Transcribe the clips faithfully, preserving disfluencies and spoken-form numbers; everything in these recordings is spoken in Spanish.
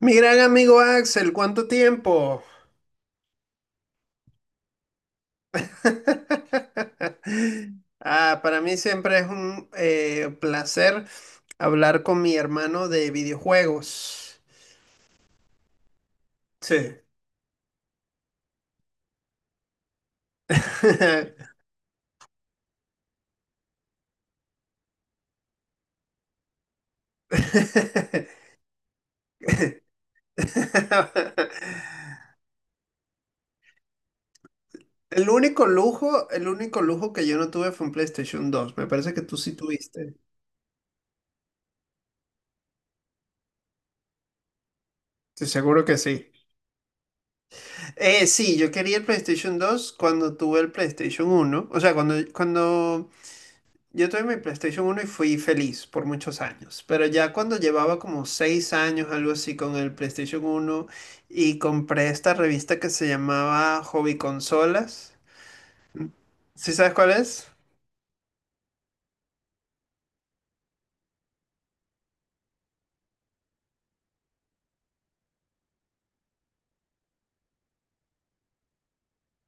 Mi gran amigo Axel, ¿cuánto tiempo? Ah, para mí siempre es un eh, placer hablar con mi hermano de videojuegos. Sí. El único lujo, el único lujo que yo no tuve fue un PlayStation dos. Me parece que tú sí tuviste. Te seguro que sí. Eh, sí, yo quería el PlayStation dos cuando tuve el PlayStation uno. O sea, cuando, cuando yo tuve mi PlayStation uno y fui feliz por muchos años, pero ya cuando llevaba como seis años, algo así, con el PlayStation uno y compré esta revista que se llamaba Hobby Consolas, ¿sí sabes cuál es?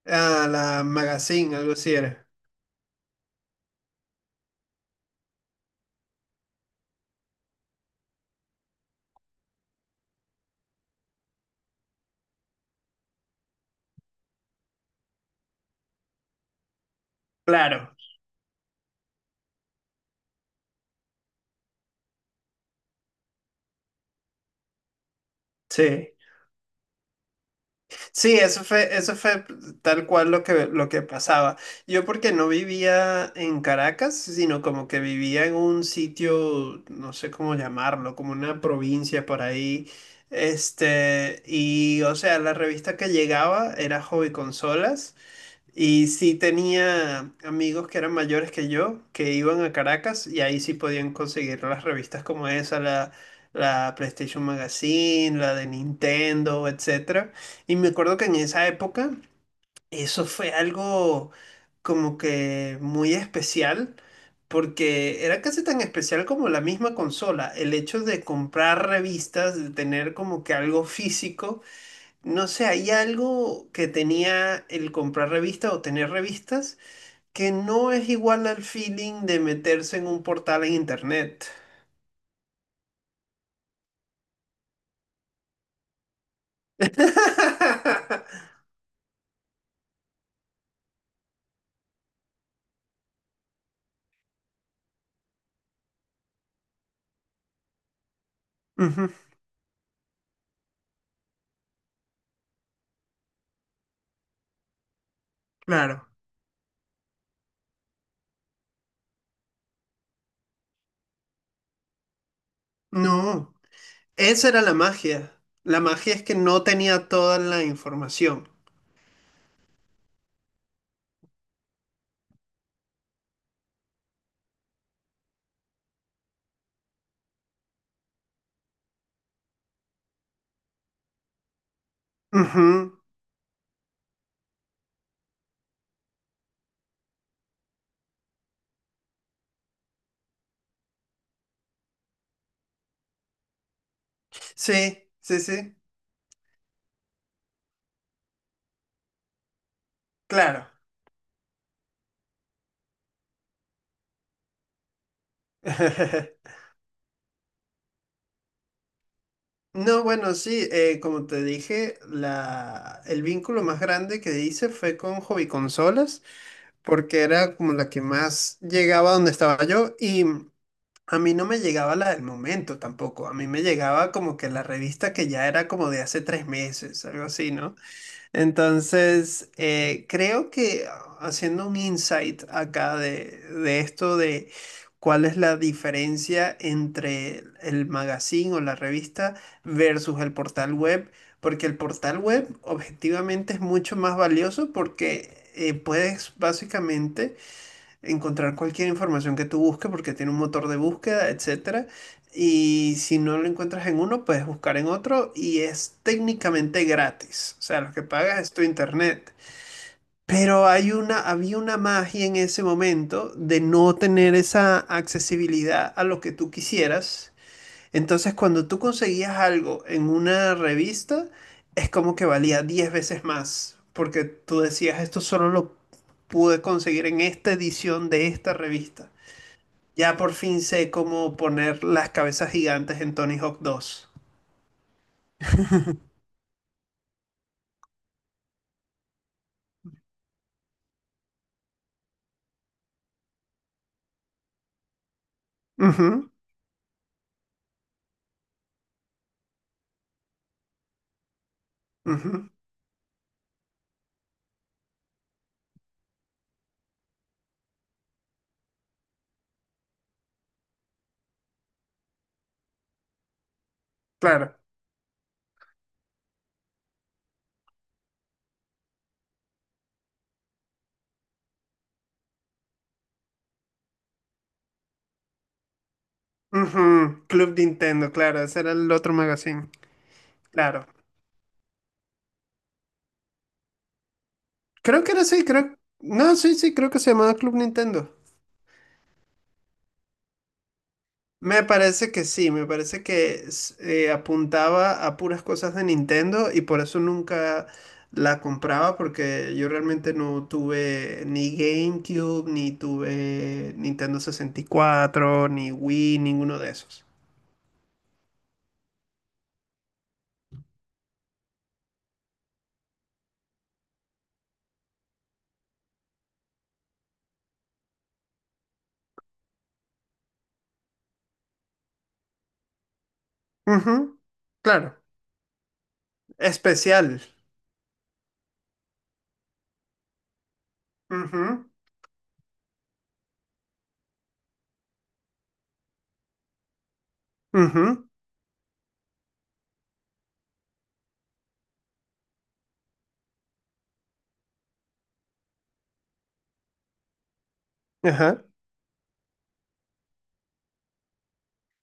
Ah, la Magazine, algo así era. Claro, sí. Sí, eso fue, eso fue tal cual lo que, lo que pasaba. Yo porque no vivía en Caracas, sino como que vivía en un sitio, no sé cómo llamarlo, como una provincia por ahí. Este, y o sea, la revista que llegaba era Hobby Consolas. Y sí tenía amigos que eran mayores que yo, que iban a Caracas y ahí sí podían conseguir las revistas como esa, la, la PlayStation Magazine, la de Nintendo, etcétera. Y me acuerdo que en esa época eso fue algo como que muy especial, porque era casi tan especial como la misma consola, el hecho de comprar revistas, de tener como que algo físico. No sé, hay algo que tenía el comprar revistas o tener revistas que no es igual al feeling de meterse en un portal en internet. Ujú, claro. No, esa era la magia. La magia es que no tenía toda la información. Ujú. Sí, sí, sí, claro. No, bueno, sí, eh, como te dije, la, el vínculo más grande que hice fue con hobby porque era como la que más llegaba a donde estaba yo, y a mí no me llegaba la del momento tampoco, a mí me llegaba como que la revista que ya era como de hace tres meses, algo así, ¿no? Entonces, eh, creo que ah, haciendo un insight acá de, de esto de cuál es la diferencia entre el magazine o la revista versus el portal web. Porque el portal web objetivamente es mucho más valioso porque eh, puedes básicamente encontrar cualquier información que tú busques porque tiene un motor de búsqueda, etcétera. Y si no lo encuentras en uno, puedes buscar en otro y es técnicamente gratis. O sea, lo que pagas es tu internet. Pero hay una, había una magia en ese momento de no tener esa accesibilidad a lo que tú quisieras. Entonces, cuando tú conseguías algo en una revista, es como que valía diez veces más, porque tú decías, esto solo lo pude conseguir en esta edición de esta revista. Ya por fin sé cómo poner las cabezas gigantes en Tony Hawk dos. Ujú, ujú, claro. Ujú, Club Nintendo, claro, ese era el otro magazine. Claro. Creo que era así, creo. No, sí, sí, creo que se llamaba Club Nintendo. Me parece que sí, me parece que s- eh, apuntaba a puras cosas de Nintendo y por eso nunca la compraba porque yo realmente no tuve ni GameCube, ni tuve Nintendo sesenta y cuatro ni Wii, ninguno de esos. Ujú, claro, especial. Ujú, ujú, ajá,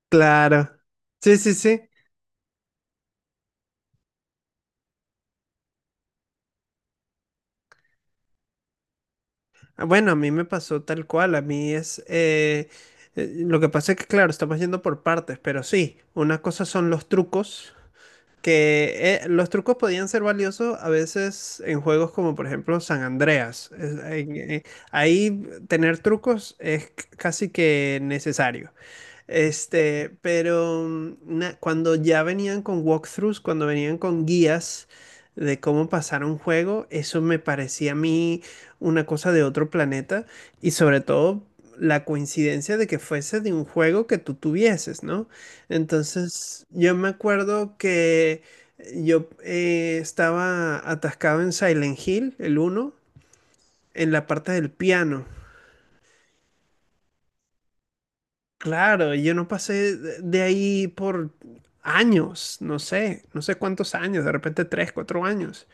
claro. Sí, sí, sí. Ah, bueno, a mí me pasó tal cual, a mí es... eh, eh, lo que pasa es que, claro, estamos yendo por partes, pero sí, una cosa son los trucos, que eh, los trucos podían ser valiosos a veces en juegos como por ejemplo San Andreas. Es- en- eh, ahí tener trucos es c- casi que necesario. Este, pero mm, na- cuando ya venían con walkthroughs, cuando venían con guías de cómo pasar un juego, eso me parecía a mí una cosa de otro planeta y sobre todo la coincidencia de que fuese de un juego que tú tuvieses, ¿no? Entonces, yo me acuerdo que yo eh, estaba atascado en Silent Hill, el uno, en la parte del piano. Claro, y yo no pasé de de ahí por años, no sé, no sé cuántos años, de repente tres, cuatro años.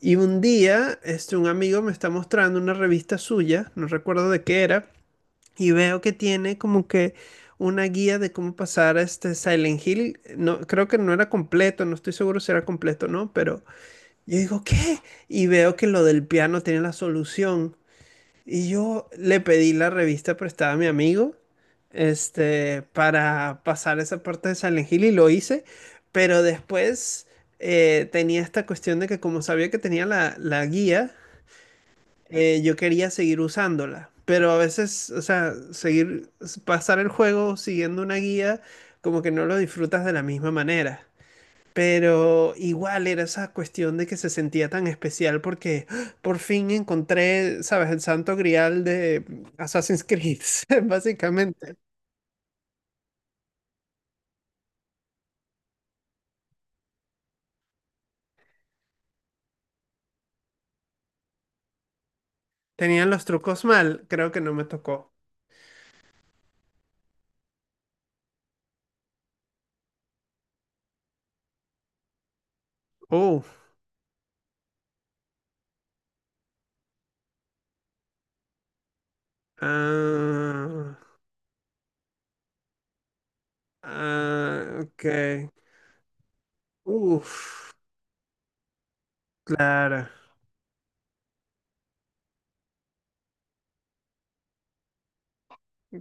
Y un día, este, un amigo me está mostrando una revista suya, no recuerdo de qué era, y veo que tiene como que una guía de cómo pasar este Silent Hill. No, creo que no era completo, no estoy seguro si era completo o no, pero yo digo, ¿qué? Y veo que lo del piano tiene la solución. Y yo le pedí la revista prestada a mi amigo, este, para pasar esa parte de Silent Hill y lo hice, pero después eh, tenía esta cuestión de que como sabía que tenía la, la guía, eh, yo quería seguir usándola, pero a veces, o sea, seguir, pasar el juego siguiendo una guía, como que no lo disfrutas de la misma manera. Pero igual era esa cuestión de que se sentía tan especial porque ¡ah! Por fin encontré, ¿sabes? El santo grial de Assassin's Creed, básicamente. Tenían los trucos mal, creo que no me tocó. Oh, ah, ah, ok. Uf, claro,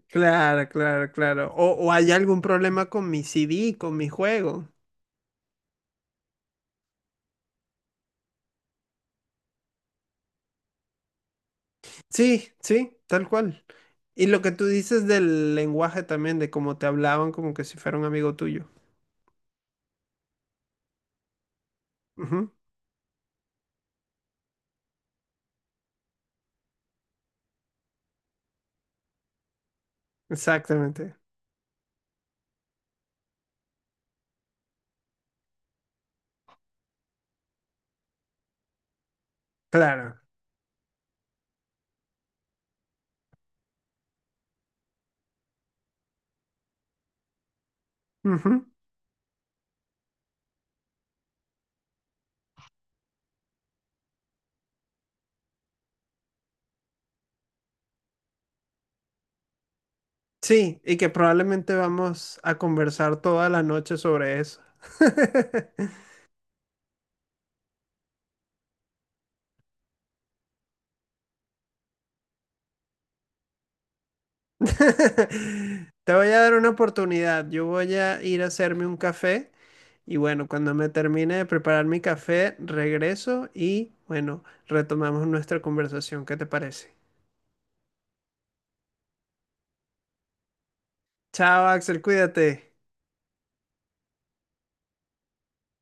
claro, claro, claro. O, o hay algún problema con mi C D, con mi juego. Sí, sí, tal cual. Y lo que tú dices del lenguaje también, de cómo te hablaban como que si fuera un amigo tuyo. Ujú, exactamente. Claro. Ujú, sí, y que probablemente vamos a conversar toda la noche sobre eso. Te voy a dar una oportunidad. Yo voy a ir a hacerme un café y bueno, cuando me termine de preparar mi café, regreso y bueno, retomamos nuestra conversación. ¿Qué te parece? Chao, Axel, cuídate.